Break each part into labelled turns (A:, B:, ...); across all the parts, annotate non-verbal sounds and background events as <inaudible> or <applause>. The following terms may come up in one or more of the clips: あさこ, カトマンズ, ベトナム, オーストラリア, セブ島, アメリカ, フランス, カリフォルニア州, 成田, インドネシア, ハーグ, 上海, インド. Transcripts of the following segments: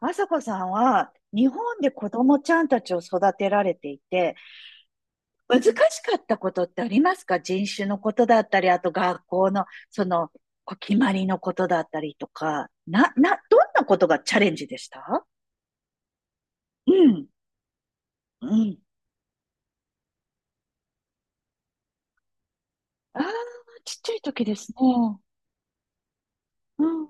A: あさこさんは日本で子供ちゃんたちを育てられていて、難しかったことってありますか？人種のことだったり、あと学校のそのこう決まりのことだったりとか、どんなことがチャレンジでした？うん、うん。ああ、ちっちゃい時ですね。うん。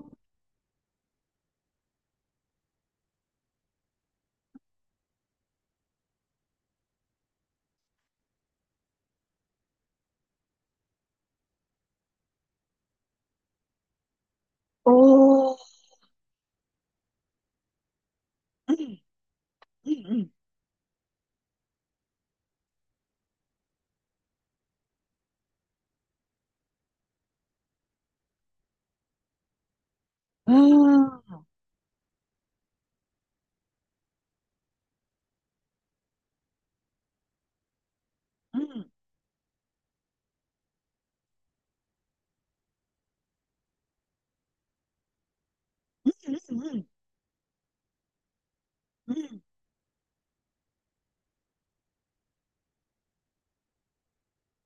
A: おー、うん、うん、うん。うーん、うん、うん、うん、うん。うん。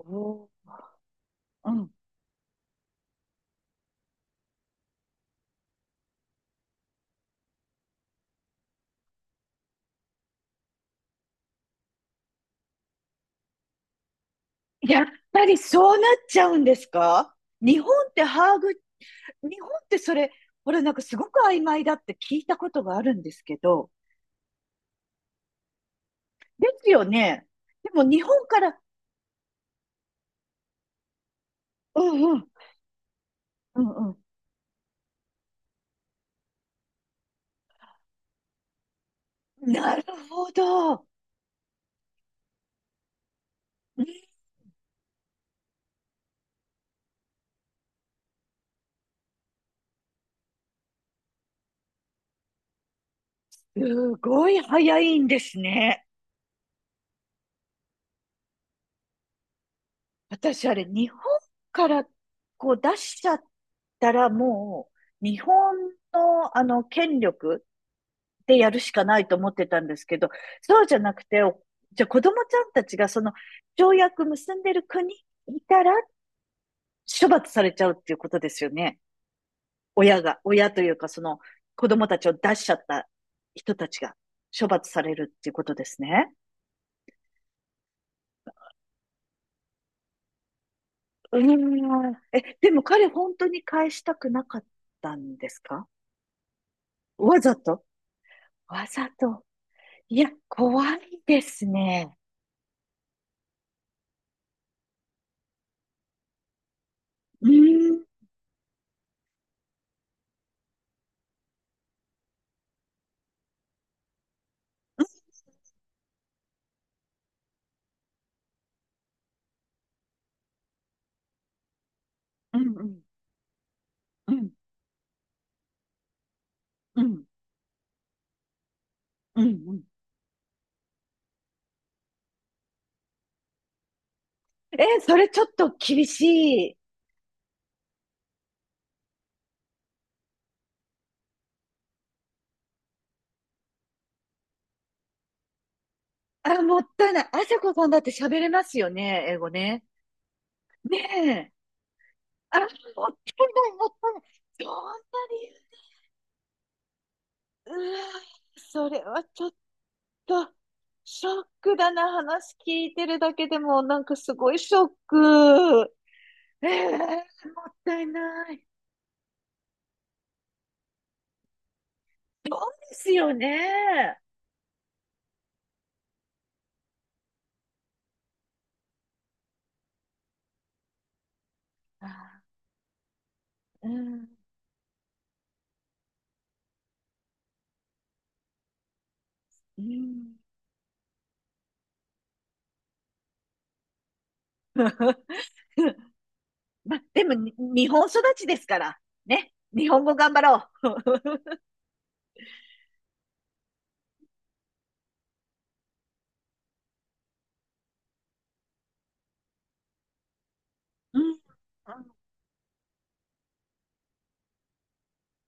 A: おー、うん。やっぱりそうなっちゃうんですか？日本ってハーグ、日本ってそれ、これなんかすごく曖昧だって聞いたことがあるんですけど。ですよね。でも日本から、うんうん、うんうん。なるほど。すごい早いんですね。私あれ、日本からこう出しちゃったらもう、日本のあの権力でやるしかないと思ってたんですけど、そうじゃなくて、お、じゃあ子供ちゃんたちがその条約結んでる国いたら、処罰されちゃうっていうことですよね。親が、親というかその子供たちを出しちゃった人たちが処罰されるっていうことですね。うーん。え、でも彼本当に返したくなかったんですか？わざと？わざと。いや、怖いですね。うーん。うんうんうんうんうんうん。え、それちょっと厳しい。あ、もったいない。あさこさんだって喋れますよね、英語ね。ねえ。あ、もったいない、もったいない。そんなに、うわ、それはちょっと、ショックだな、話聞いてるだけでも、なんかすごいショック。ええ、もったいない。ですよね。あ、うん、うん。 <laughs>。まあ、でもに、日本育ちですから、ね。日本語頑張ろう。うん、うん、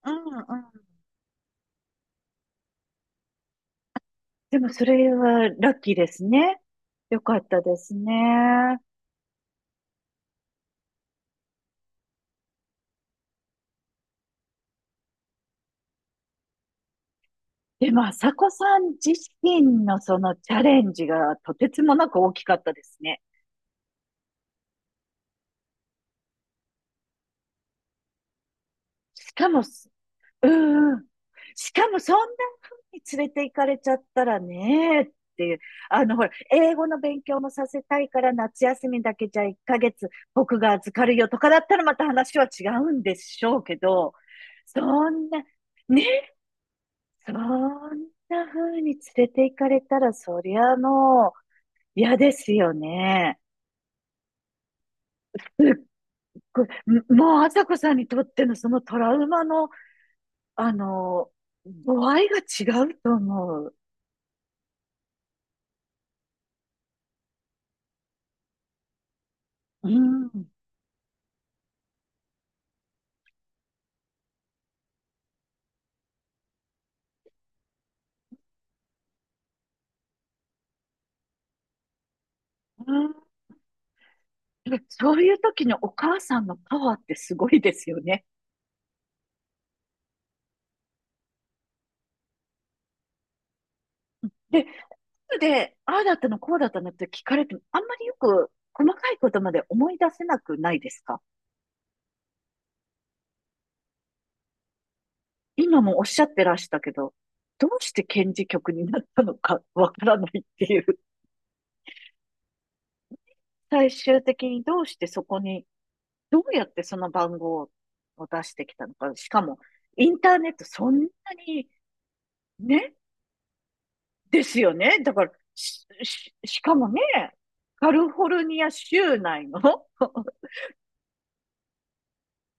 A: うん。うん。でも、それはラッキーですね。よかったですね。でも、朝子さん自身のそのチャレンジがとてつもなく大きかったですね。しかもす、うんうん。しかも、そんなに連れて行かれちゃったらね、っていう。ほら、英語の勉強もさせたいから、夏休みだけじゃ1ヶ月僕が預かるよとかだったらまた話は違うんでしょうけど、そんな、ね、そんな風に連れて行かれたら、そりゃもう嫌ですよね。これもう、あさこさんにとってのそのトラウマの、あの、度合いが違うと思う。うん。うん。で、そういう時のお母さんのパワーってすごいですよね。で、で、ああだったの、こうだったのって聞かれても、あんまりよく細かいことまで思い出せなくないですか？今もおっしゃってらしたけど、どうして検事局になったのかわからないっていう。最終的にどうしてそこに、どうやってその番号を出してきたのか。しかも、インターネットそんなに、ね、ですよね。だから、しかもね、カリフォルニア州内の <laughs>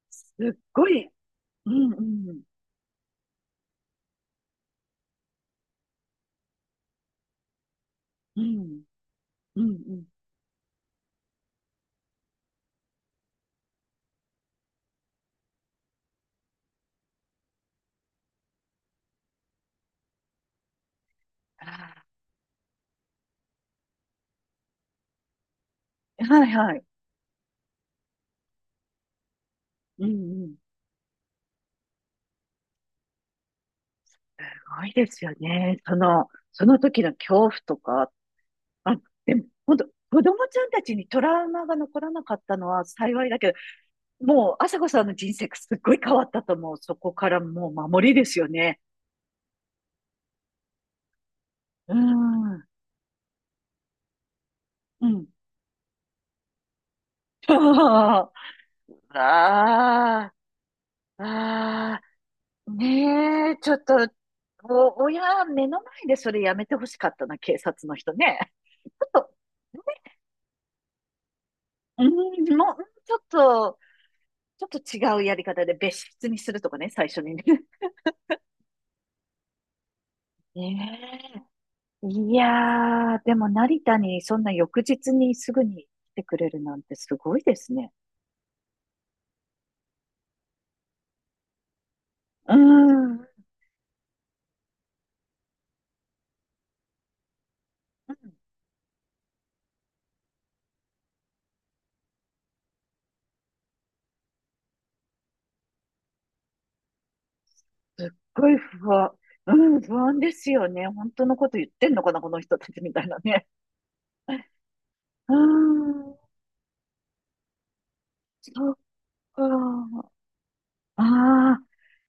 A: すっごい、うんうん、うん、うん、うん。はいはい。うんうん。すごいですよね。その、その時の恐怖とか。あ、でも、本当子供ちゃんたちにトラウマが残らなかったのは幸いだけど、もう、朝子さんの人生すっごい変わったと思う。そこからもう守りですよね。うーん。うん。<laughs> ああ、ああ、ねえ、ちょっと、お、親、目の前でそれやめてほしかったな、警察の人ね。ちょっと、うん、もう、うんちょっと、ちょっと違うやり方で別室にするとかね、最初にね。<laughs> ねえ。いやー、でも成田にそんな翌日にすぐに来てくれるなんてすごいですね。うん。うん。すっごい不安。うん、不安ですよね。本当のこと言ってんのかな、この人たちみたいなね。うん、そっか。ああ、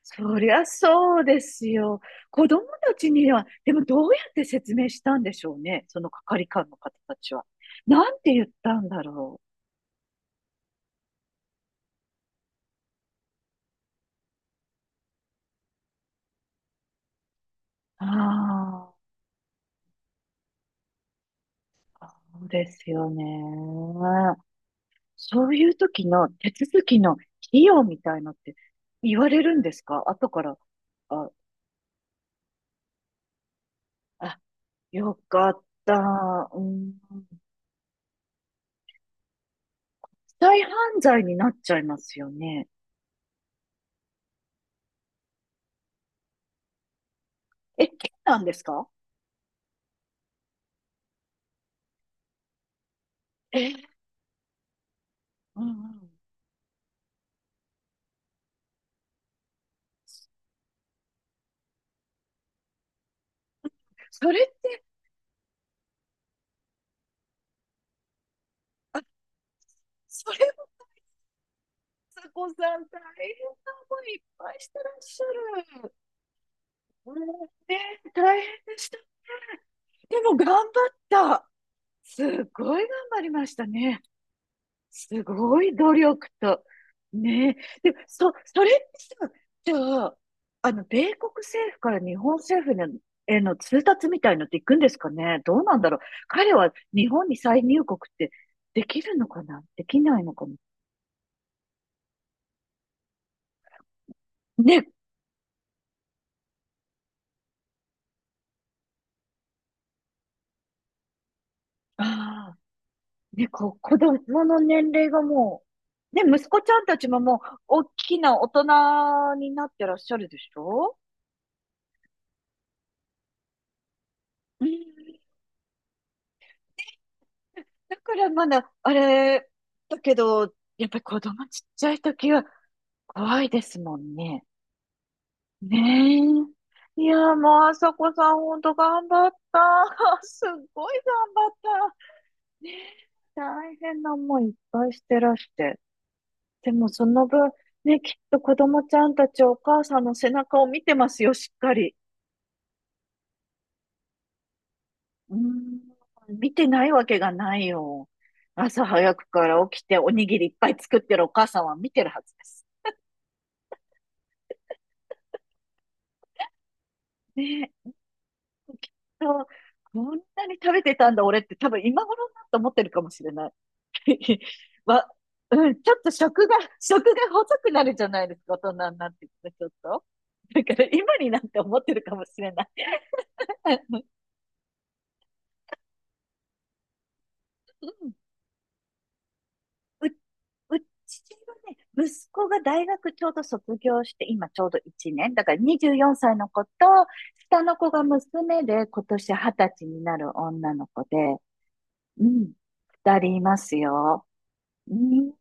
A: そりゃそうですよ。子供たちには、でもどうやって説明したんでしょうね。その係官の方たちは。なんて言ったんだろう。ああ、そうですよね。そういう時の手続きの費用みたいのって言われるんですか？後から。あ、あ、よかった。うん。再犯罪になっちゃいますよね。え、刑なんですか？え、うんうん。それって、それも、つこさん大変な思いいっぱいしてらっしゃる。うん。ね、大変でした。でも頑張った。すごい頑張りましたね。すごい努力と、ねえ。で、それってさ、じゃあ、あの、米国政府から日本政府への通達みたいのっていくんですかね？どうなんだろう。彼は日本に再入国ってできるのかな、できないのかな？ね、ああ、ね、子供の年齢がもう、ね、息子ちゃんたちももう、大きな大人になってらっしゃるでしょ？うん。だからまだ、あれ、だけど、やっぱり子供ちっちゃい時は怖いですもんね。ねえ。いや、もう、あさこさん、ほんと頑張った。<laughs> すっごい頑張った。ねえ、大変な思いいっぱいしてらして。でも、その分、ね、きっと子供ちゃんたちお母さんの背中を見てますよ、しっかり。うーん、見てないわけがないよ。朝早くから起きておにぎりいっぱい作ってるお母さんは見てるはずです。ねえ、きっと、こんなに食べてたんだ、俺って、多分今頃になって思ってるかもしれない。<laughs> わ、うん、ちょっと食が、食が細くなるじゃないですか、大人になってきて、ちょっと。だから今になって思ってるかもしれない。<laughs> うん。う、うちはね、息子が大学ちょうど卒業して、今ちょうど1年。だから24歳の子と、下の子が娘で、今年20歳になる女の子で、うん、二人いますよ。うん